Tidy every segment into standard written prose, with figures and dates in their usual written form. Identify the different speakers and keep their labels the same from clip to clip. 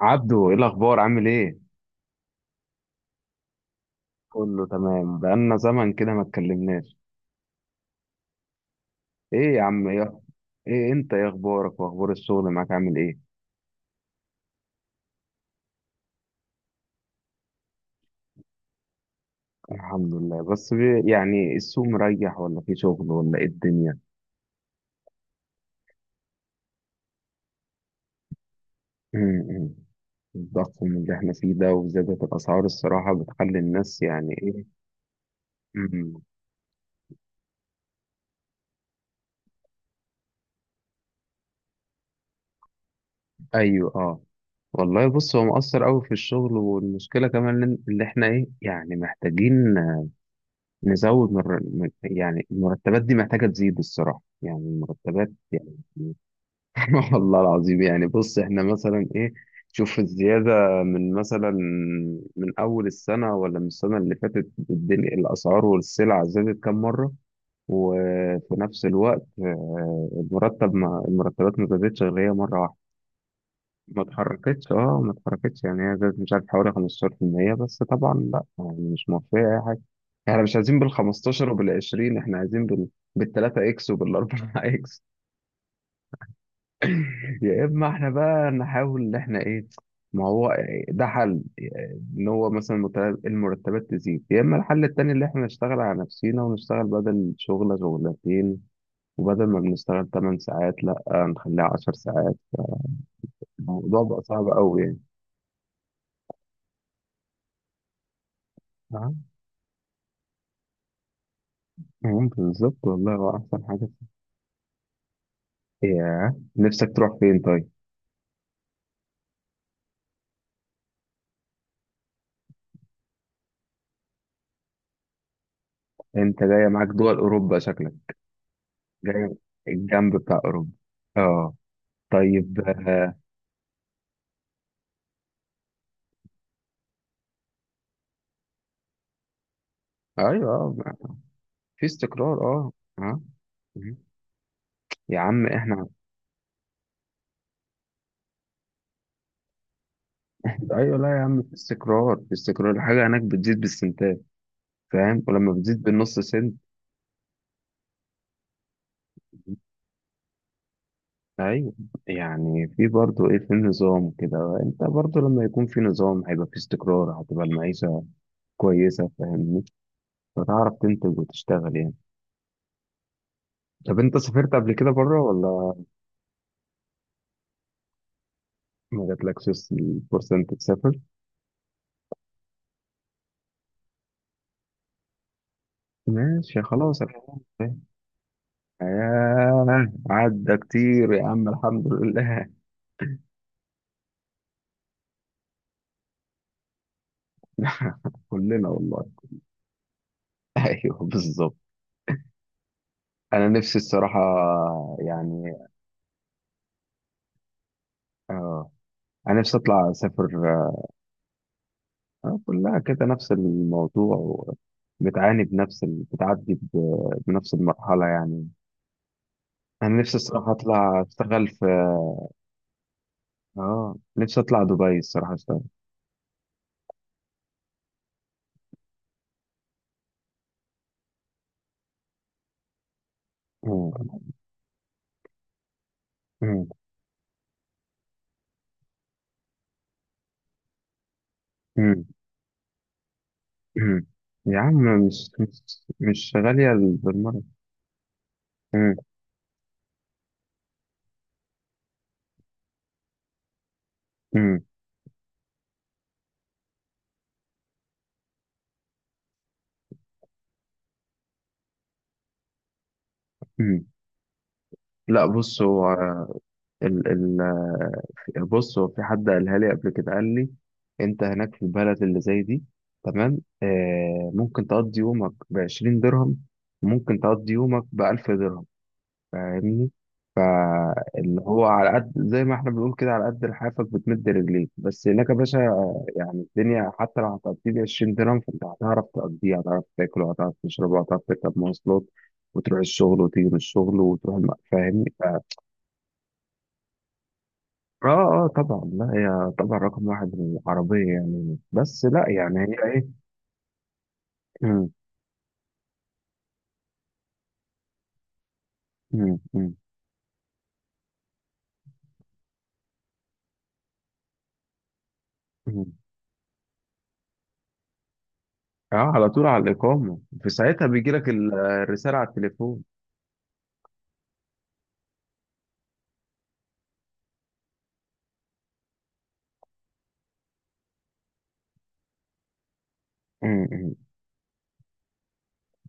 Speaker 1: عبدو ايه الاخبار عامل ايه؟ كله تمام، بقالنا زمن كده ما اتكلمناش. ايه يا عم ايه؟ ايه انت ايه اخبارك واخبار الشغل معاك عامل ايه؟ الحمد لله. بس يعني السوق مريح ولا في شغل ولا ايه الدنيا؟ أمم. الضخم اللي احنا فيه ده وزيادة الاسعار الصراحة بتخلي الناس يعني ايه. أمم. ايوه اه. والله بص هو مؤثر قوي في الشغل، والمشكله كمان اللي احنا ايه يعني محتاجين نزود يعني المرتبات دي محتاجة تزيد الصراحة، يعني المرتبات يعني. والله العظيم يعني بص احنا مثلا ايه. شوف الزيادة من مثلا، من أول السنة ولا من السنة اللي فاتت، الدنيا الأسعار والسلع زادت كام مرة؟ وفي نفس الوقت آه، المرتبات ما زادتش غير هي مرة واحدة. ما اتحركتش، يعني هي زادت مش عارف حوالي 15% بس طبعا، لا يعني مش موفية اي حاجة. احنا مش عايزين بال 15 وبال 20، احنا عايزين بال 3 اكس وبال 4 اكس. يا اما احنا بقى نحاول ان احنا ايه. ما هو ده حل، ان هو مثلا المرتبات تزيد، يا اما الحل التاني اللي احنا نشتغل على نفسينا ونشتغل بدل شغلة شغلتين، وبدل ما بنشتغل 8 ساعات لا نخليها 10 ساعات. الموضوع بقى صعب قوي يعني. مم، بالظبط والله هو احسن حاجه. ياه، نفسك تروح فين طيب؟ انت جايه معاك دول اوروبا شكلك. جاي الجنب بتاع اوروبا، اه. طيب آه. ايوه آه، في استقرار اه. اه. مم. يا عم احنا. ايوه لا يا عم، في استقرار، في استقرار، الحاجه هناك بتزيد بالسنتات، فاهم؟ ولما بتزيد بالنص سنت. ايوه. يعني في برضه ايه، في نظام كده، انت برضه لما يكون في نظام هيبقى في استقرار، هتبقى المعيشه كويسه فاهمني. فتعرف تنتج وتشتغل يعني. طب انت سافرت قبل كده بره ولا؟ ما جاتلكش الفرصة انت تسافر؟ ماشي، خلاص الحمد لله. آه عدى كتير يا عم، الحمد لله. كلنا والله. ايوه بالظبط. انا نفسي الصراحة يعني، اه انا نفسي اطلع اسافر. آه، كلها كده نفس الموضوع، بتعاني بنفس بتعدي بنفس المرحلة يعني. انا نفسي الصراحة اطلع اشتغل في، اه نفسي اطلع دبي الصراحة اشتغل. مم. مم. مم. مم. يا عم مش مش غالية بالمرة. مم. مم. مم. لا بص هو ال، بص هو في حد قالها لي قبل كده قال لي انت هناك في البلد اللي زي دي تمام، آه ممكن تقضي يومك بعشرين درهم، ممكن تقضي يومك بألف درهم، فاهمني؟ فاللي هو على قد زي ما احنا بنقول كده، على قد لحافك بتمد رجليك، بس هناك يا باشا يعني الدنيا حتى لو هتقضي لي 20 درهم فانت هتعرف تقضيها، هتعرف تاكل وهتعرف تشرب وهتعرف تركب مواصلات وتروح الشغل وتيجي من الشغل وتروح فاهمني؟ اه. اه طبعا، لا هي طبعا رقم واحد العربية يعني، بس لا يعني هي ايه. مم، مم، مم، مم. اه على طول على الإقامة، في ساعتها بيجي لك الرسالة على التليفون. مم، مم.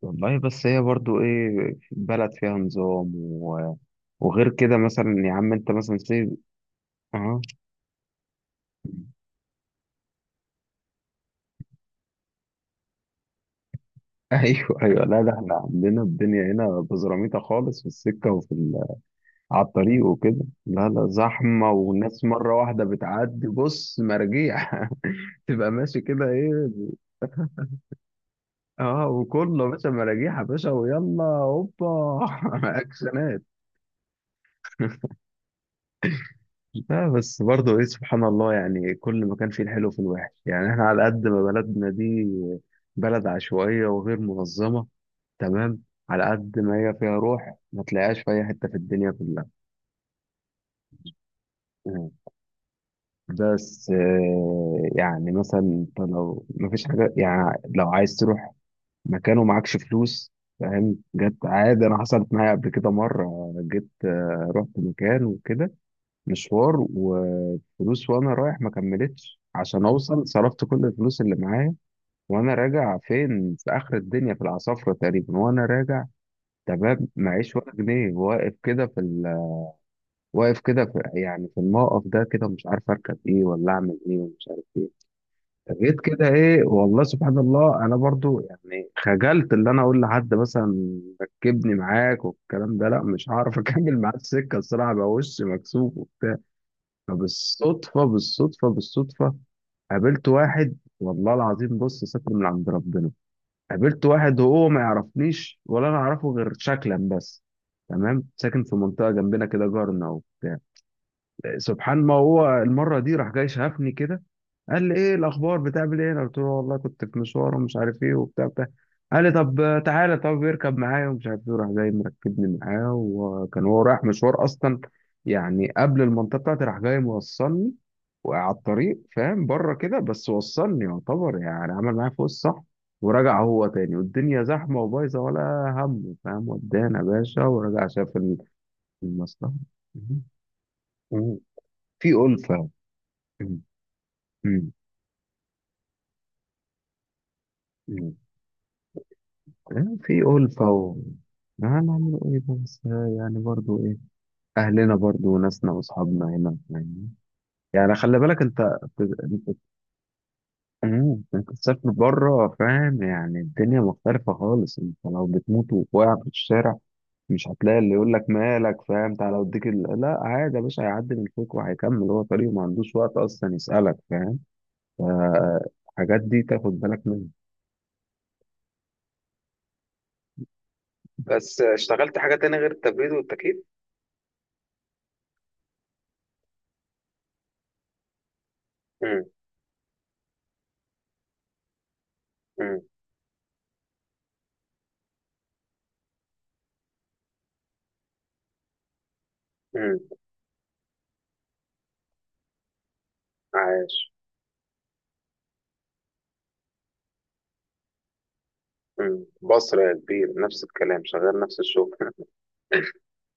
Speaker 1: والله بس هي برضو ايه، بلد فيها نظام و... وغير كده مثلا يا عم انت مثلا سيب. اه. ايوه ايوه، لا ده احنا عندنا الدنيا هنا بزراميطه خالص، في السكه وفي على الطريق وكده، لا لا زحمه، والناس مره واحده بتعدي بص مراجيح. تبقى ماشي كده ايه. اه وكله باشا مراجيح يا باشا ويلا هوبا. اكشنات. لا بس برضه ايه، سبحان الله يعني، كل ما كان فيه الحلو في الوحش. يعني احنا على قد ما بلدنا دي بلد عشوائية وغير منظمة تمام، على قد ما هي فيها روح ما تلاقيهاش في اي حتة في الدنيا كلها. مم. بس آه، يعني مثلا انت لو ما فيش حاجة، يعني لو عايز تروح مكان ومعكش فلوس، فاهم؟ جت عادي، انا حصلت معايا قبل كده مرة. جيت آه، رحت مكان وكده مشوار، وفلوس وانا رايح ما كملتش عشان اوصل، صرفت كل الفلوس اللي معايا. وانا راجع فين، في اخر الدنيا في العصافرة تقريبا. وانا راجع تمام، معيش ولا جنيه، واقف كده في واقف كده يعني في الموقف ده كده مش عارف اركب ايه ولا اعمل ايه ومش عارف ايه. فجيت كده ايه، والله سبحان الله انا برضو يعني خجلت اللي انا اقول لحد مثلا ركبني معاك والكلام ده، لا مش هعرف. اكمل معاه السكه الصراحه بقى، وشي مكسوف. فبالصدفة بالصدفة بالصدفة قابلت واحد، والله العظيم بص، ستر من عند ربنا. قابلت واحد وهو ما يعرفنيش ولا انا اعرفه غير شكلا بس، تمام، ساكن في منطقة جنبنا كده جارنا اهو. سبحان، ما هو المره دي راح جاي شافني كده، قال لي ايه الاخبار بتعمل ايه؟ انا قلت له والله كنت في مشوار ومش عارف ايه وبتاع بتاع. قال لي طب تعالى طب اركب معايا ومش عارف ايه. راح جاي مركبني معاه، وكان هو رايح مشوار اصلا، يعني قبل المنطقه بتاعتي، راح جاي موصلني وعلى الطريق فاهم، بره كده بس وصلني، يعتبر يعني عمل معايا فوق الصح. ورجع هو تاني والدنيا زحمه وبايظه ولا هم، فاهم؟ ودانا يا باشا ورجع شاف المصلحه. مم. في ألفة. مم. مم. مم. يعني في ألفة و... هنعمل إيه بقى؟ بس آه، يعني برضو إيه، أهلنا برضو وناسنا وأصحابنا هنا يعني. يعني خلي بالك أنت، أنت. مم. أنت تسافر بره فاهم يعني الدنيا مختلفة خالص. أنت لو بتموت وواقع في الشارع مش هتلاقي اللي يقول لك مالك، فاهم؟ تعالى أوديك لا، عادي يا باشا، هيعدي من فوق وهيكمل هو طريقه، ما عندوش وقت أصلا يسألك فاهم. الحاجات دي تاخد بالك منها. بس آه، اشتغلت حاجة تانية غير التبريد والتكييف؟ مم. مم. امم. عايش. امم. بصرة يا كبير، نفس الكلام، شغال نفس الشغل.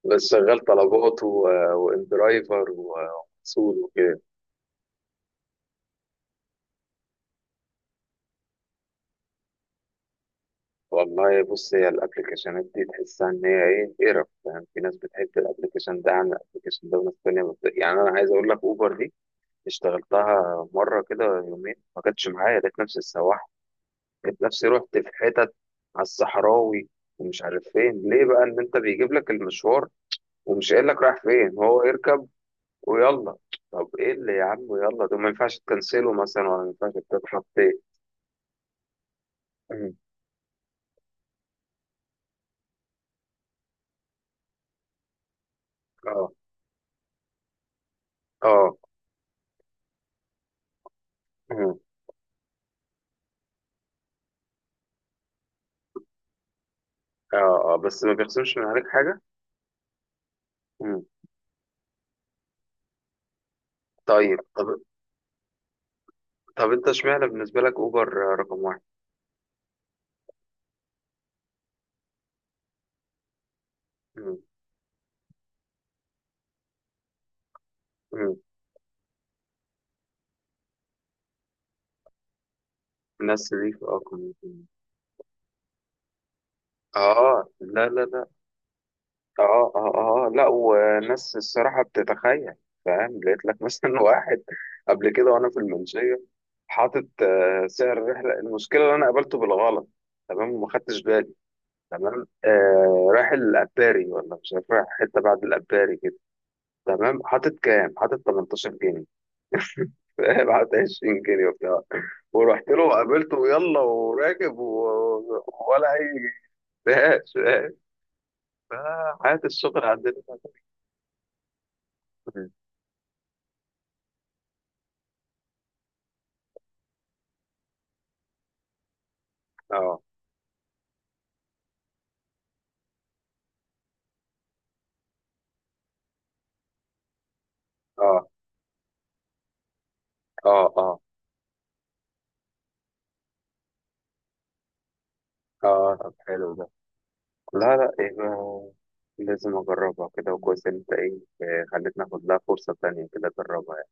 Speaker 1: بس شغال طلبات و... وان درايفر ومسؤول وكده. والله بص، هي الابلكيشنات دي تحسها ان هي ايه قرف يعني، في ناس بتحب الابلكيشن ده عن الابلكيشن ده، وناس تانية يعني انا عايز اقول لك اوبر دي اشتغلتها مرة كده يومين، ما كانتش معايا، لقيت نفسي السواح. لقيت نفسي رحت في حتت على الصحراوي ومش عارف فين، ليه بقى ان انت بيجيب لك المشوار ومش قايل لك رايح فين، هو اركب ويلا. طب ايه اللي يا عم يلا ده، ما ينفعش تكنسله مثلا ولا ما ينفعش تضغط ايه؟ مم. اه اه. مم. اه اه بس ما بيخصمش من عليك حاجة. مم. طيب. طب طب انت اشمعنى بالنسبة لك اوبر رقم واحد؟ مم. مم. ناس دي في اه كوميدي. آه، لا لا لا. اه اه اه، لا وناس الصراحة بتتخيل فاهم، لقيت لك مثلا واحد قبل كده وانا في المنشية، حاطط آه، سعر الرحلة، المشكلة اللي انا قابلته بالغلط تمام وما خدتش بالي، تمام آه رايح الأباري ولا مش عارف رايح حتة بعد الأباري كده تمام. حاطط كام؟ حاطط 18 جنيه. فاهم، حاطط 20 جنيه وبتاع. ورحت له وقابلته ويلا وراكب و... ولا أي جنيه. فاهم. فحياة الشغل عندنا. اه اه اه اه اه. طب حلو ده. لا لا، يبقى لازم اجربها كده، وكويس إن انت ايه، آه، خلتني اخد لها فرصة تانية كده اجربها يعني.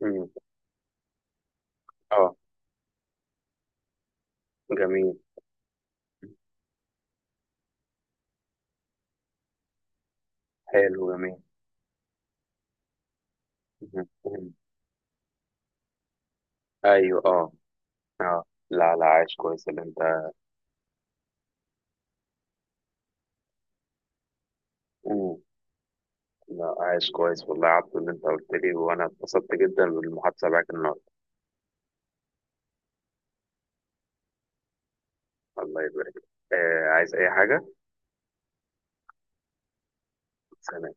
Speaker 1: مم. اه. جميل. حلو جميل. ايوه اه اه. لا لا عايش كويس اللي انت. مم. لا عايش كويس والله يا عبدو اللي انت قلت لي، وانا اتبسطت جدا بالمحادثه معاك النهارده. الله يبارك لك. آه عايز اي حاجه؟ سلام.